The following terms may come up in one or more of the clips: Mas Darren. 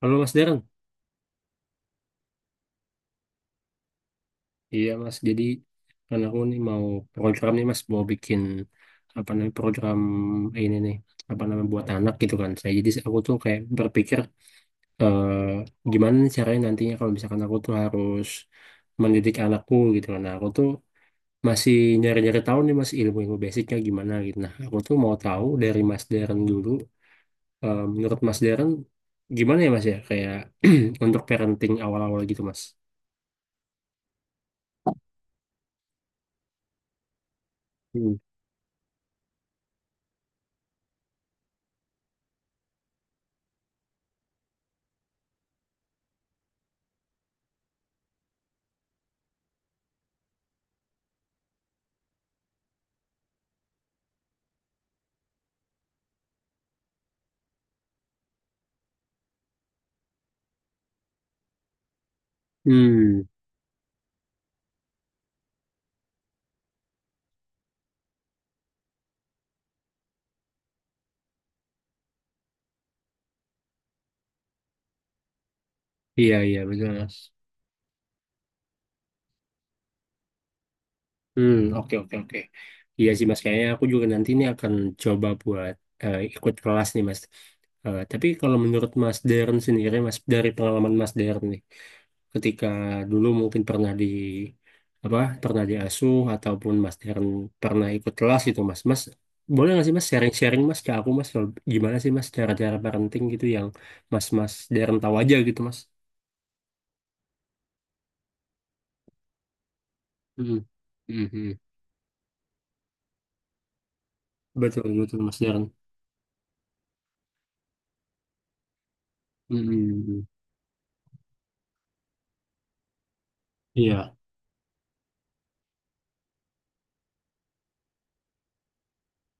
Halo Mas Darren, iya Mas. Jadi kan aku nih mau program nih Mas, mau bikin apa namanya program ini nih apa namanya buat anak gitu kan. Saya jadi aku tuh kayak berpikir, eh, gimana nih caranya nantinya kalau misalkan aku tuh harus mendidik anakku gitu kan. Nah, aku tuh masih nyari-nyari tahu nih Mas ilmu-ilmu basicnya gimana gitu. Nah, aku tuh mau tahu dari Mas Darren dulu. Menurut Mas Darren gimana ya Mas ya kayak untuk parenting awal-awal gitu Mas? Hmm. Hmm. Iya, iya, betul, Mas. Hmm, oke, oke, oke. Iya sih, Mas. Kayaknya aku juga nanti ini akan coba buat, ikut kelas nih, Mas. Tapi kalau menurut Mas Deren sendiri, Mas, dari pengalaman Mas Deren nih, ketika dulu mungkin pernah di apa, pernah diasuh ataupun Mas Deren pernah ikut kelas gitu, Mas. Mas, boleh nggak sih Mas sharing-sharing Mas ke aku, Mas, kalau gimana sih Mas cara-cara parenting gitu yang Mas Mas Deren tahu aja gitu, Mas. Hmm. Hmm, hmm. Betul, betul, Mas Deren. Hmm, hmm, hmm. Iya.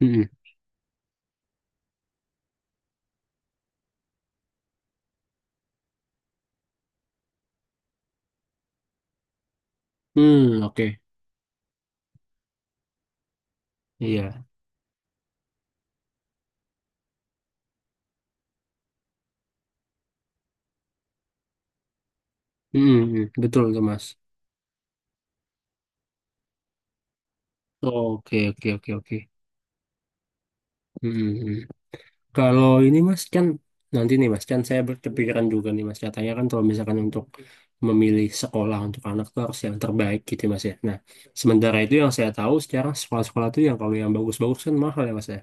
Mm-mm. Hmm, oke. Iya. Mm-mm, mm. Betul tuh, Mas. Oke, oke, oke, oke. Mm-mm, mm. Kalau ini, Mas, kan nanti nih, Mas, kan saya berkepikiran juga nih, Mas. Katanya kan kalau misalkan untuk memilih sekolah untuk anak tuh harus yang terbaik gitu, Mas ya. Nah, sementara itu yang saya tahu sekarang sekolah-sekolah itu yang kalau yang bagus-bagus kan mahal ya, Mas ya.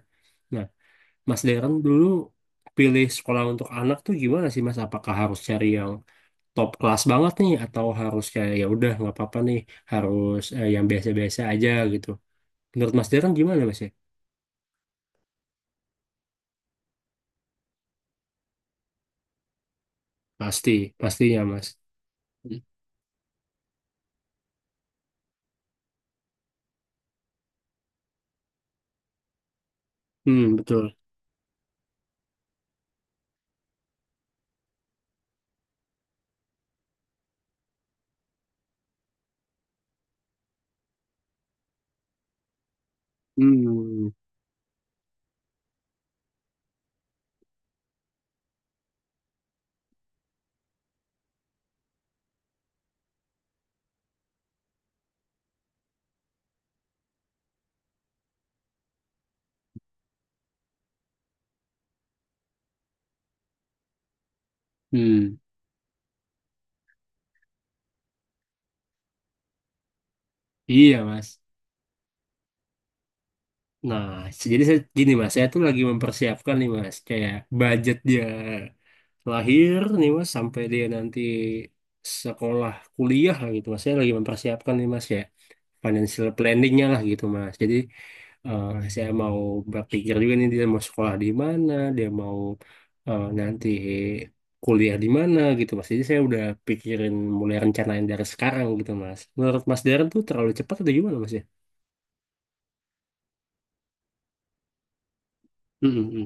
Nah, Mas Darren dulu pilih sekolah untuk anak tuh gimana sih, Mas? Apakah harus cari yang top kelas banget nih atau harus kayak ya udah nggak apa-apa nih harus, yang biasa-biasa aja gitu. Menurut Mas Darren gimana Mas ya? Pasti, pastinya Mas. Hmm, betul. Hmm, hmm, iya Mas. Nah, jadi saya gini Mas, saya tuh lagi mempersiapkan nih Mas, kayak budget dia lahir nih Mas sampai dia nanti sekolah kuliah lah gitu Mas. Saya lagi mempersiapkan nih Mas ya. Financial planningnya lah gitu Mas. Jadi, eh, saya mau berpikir juga nih dia mau sekolah di mana, dia mau, nanti kuliah di mana gitu Mas. Jadi saya udah pikirin mulai rencanain dari sekarang gitu Mas. Menurut Mas Darren tuh terlalu cepat atau gimana Mas ya? Hmm, hmm, hmm.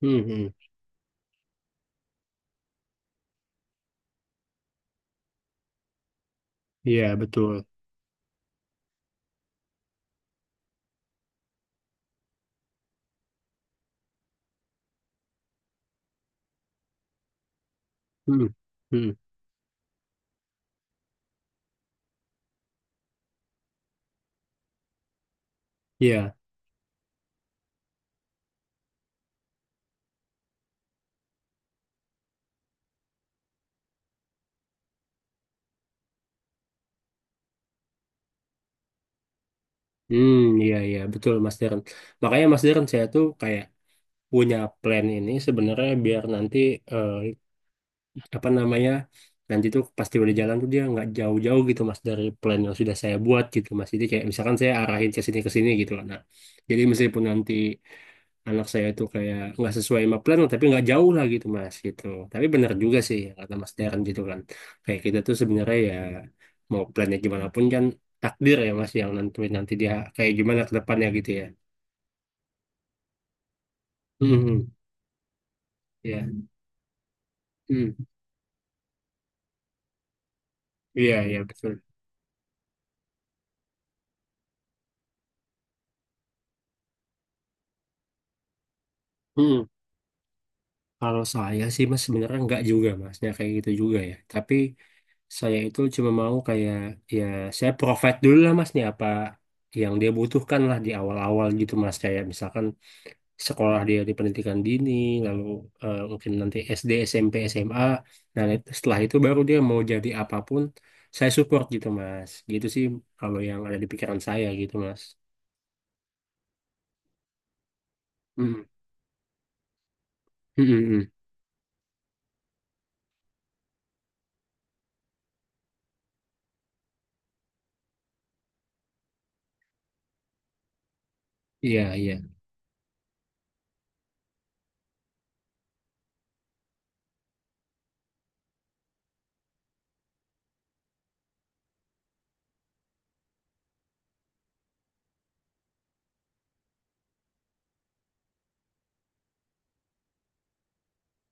Hmm, hmm. Iya betul. Hmm, hmm. Iya. Hmm, iya iya betul Mas Darren. Makanya Mas Darren saya tuh kayak punya plan ini sebenarnya biar nanti, eh, apa namanya nanti tuh pasti udah jalan tuh dia nggak jauh-jauh gitu mas dari plan yang sudah saya buat gitu mas jadi kayak misalkan saya arahin ke sini gitu lah. Nah, jadi meskipun nanti anak saya tuh kayak nggak sesuai sama plan tapi nggak jauh lah gitu mas gitu. Tapi benar juga sih ya, kata mas Darren gitu kan, kayak kita tuh sebenarnya ya mau plannya gimana pun kan takdir ya mas yang nanti nanti dia kayak gimana ke depannya gitu ya. Hmm, ya. Hmm, iya iya betul. Hmm. Kalau saya sih mas sebenarnya nggak juga mas, ya kayak gitu juga ya. Tapi saya itu cuma mau kayak ya saya provide dulu lah mas nih apa yang dia butuhkan lah di awal-awal gitu mas. Kayak misalkan sekolah dia di pendidikan dini, lalu, mungkin nanti SD, SMP, SMA. Nah, setelah itu baru dia mau jadi apapun saya support gitu mas. Gitu sih kalau yang ada di pikiran saya gitu mas. Hmm, hmm, hmm, hmm. Iya iya.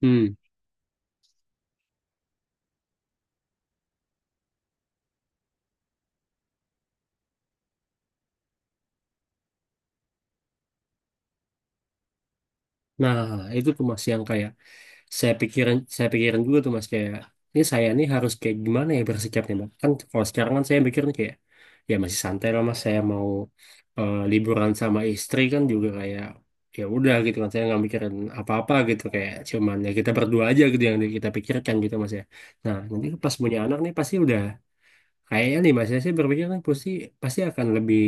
Hmm. Nah, itu tuh Mas yang kayak saya pikirin dulu tuh Mas kayak ini saya nih harus kayak gimana ya bersikapnya Mas. Kan kalau sekarang kan saya mikirnya kayak ya masih santai lah Mas, saya mau, liburan sama istri kan juga kayak ya udah gitu kan saya nggak mikirin apa-apa gitu kayak cuman ya kita berdua aja gitu yang kita pikirkan gitu Mas ya. Nah, nanti pas punya anak nih pasti udah. Kayaknya nih Mas, saya sih berpikir kan pasti pasti akan lebih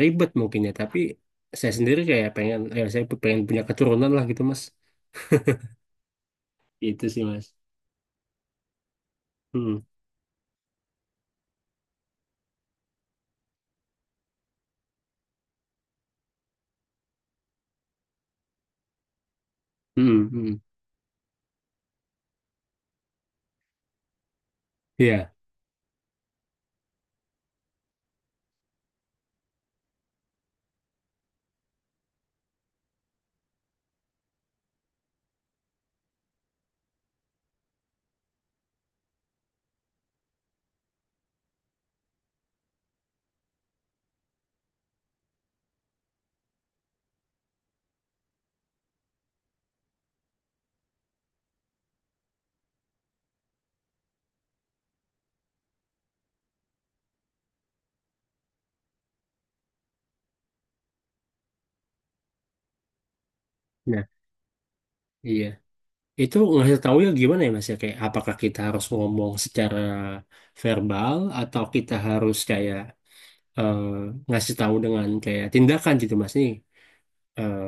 ribet mungkin ya, tapi saya sendiri kayak pengen ya saya pengen punya keturunan lah gitu Mas. Itu sih Mas. Hmm. Hmm, hmm. Iya. Nah, iya. Itu ngasih taunya gimana ya Mas ya kayak apakah kita harus ngomong secara verbal atau kita harus kayak, eh, ngasih tahu dengan kayak tindakan gitu Mas nih. Eh,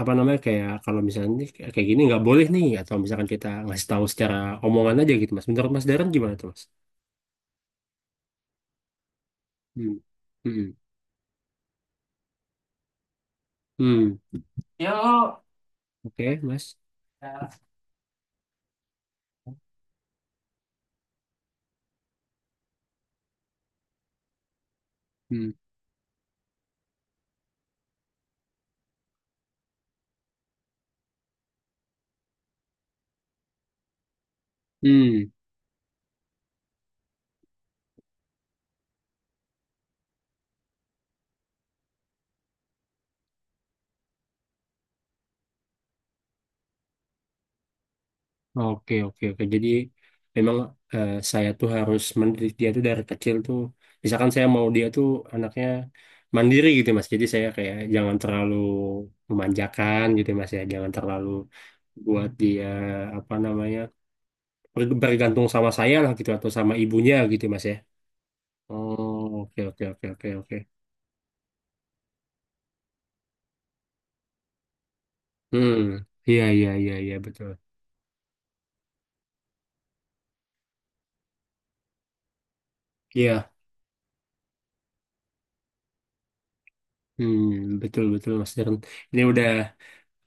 Apa namanya kayak kalau misalnya nih, kayak gini nggak boleh nih atau misalkan kita ngasih tahu secara omongan aja gitu mas, menurut mas Darren gimana tuh mas. Hmm, hmm, hmm. Yuk. Oke mas. Ya. Hmm, hmm. Oke, oke, oke, jadi memang, saya tuh harus mendidik dia tuh dari kecil tuh misalkan saya mau dia tuh anaknya mandiri gitu mas jadi saya kayak jangan terlalu memanjakan gitu mas ya, jangan terlalu buat dia apa namanya, bergantung sama saya lah gitu atau sama ibunya gitu Mas ya. Oh, oke oke oke oke oke. Hmm, iya iya iya iya betul. Iya, hmm, betul betul Mas Darren. Ini udah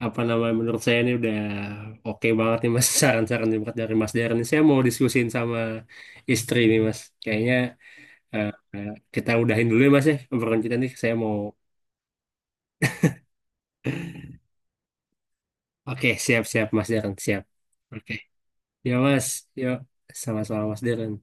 apa namanya menurut saya ini udah oke banget nih Mas saran-saran yang buat dari Mas Darren. Ini Saya mau diskusin sama istri nih Mas. Kayaknya, eh, eh, kita udahin dulu ya Mas ya obrolan kita nih. Saya mau. Oke, siap siap Mas Darren, siap. Oke. Ya Mas, yuk sama-sama Mas Darren.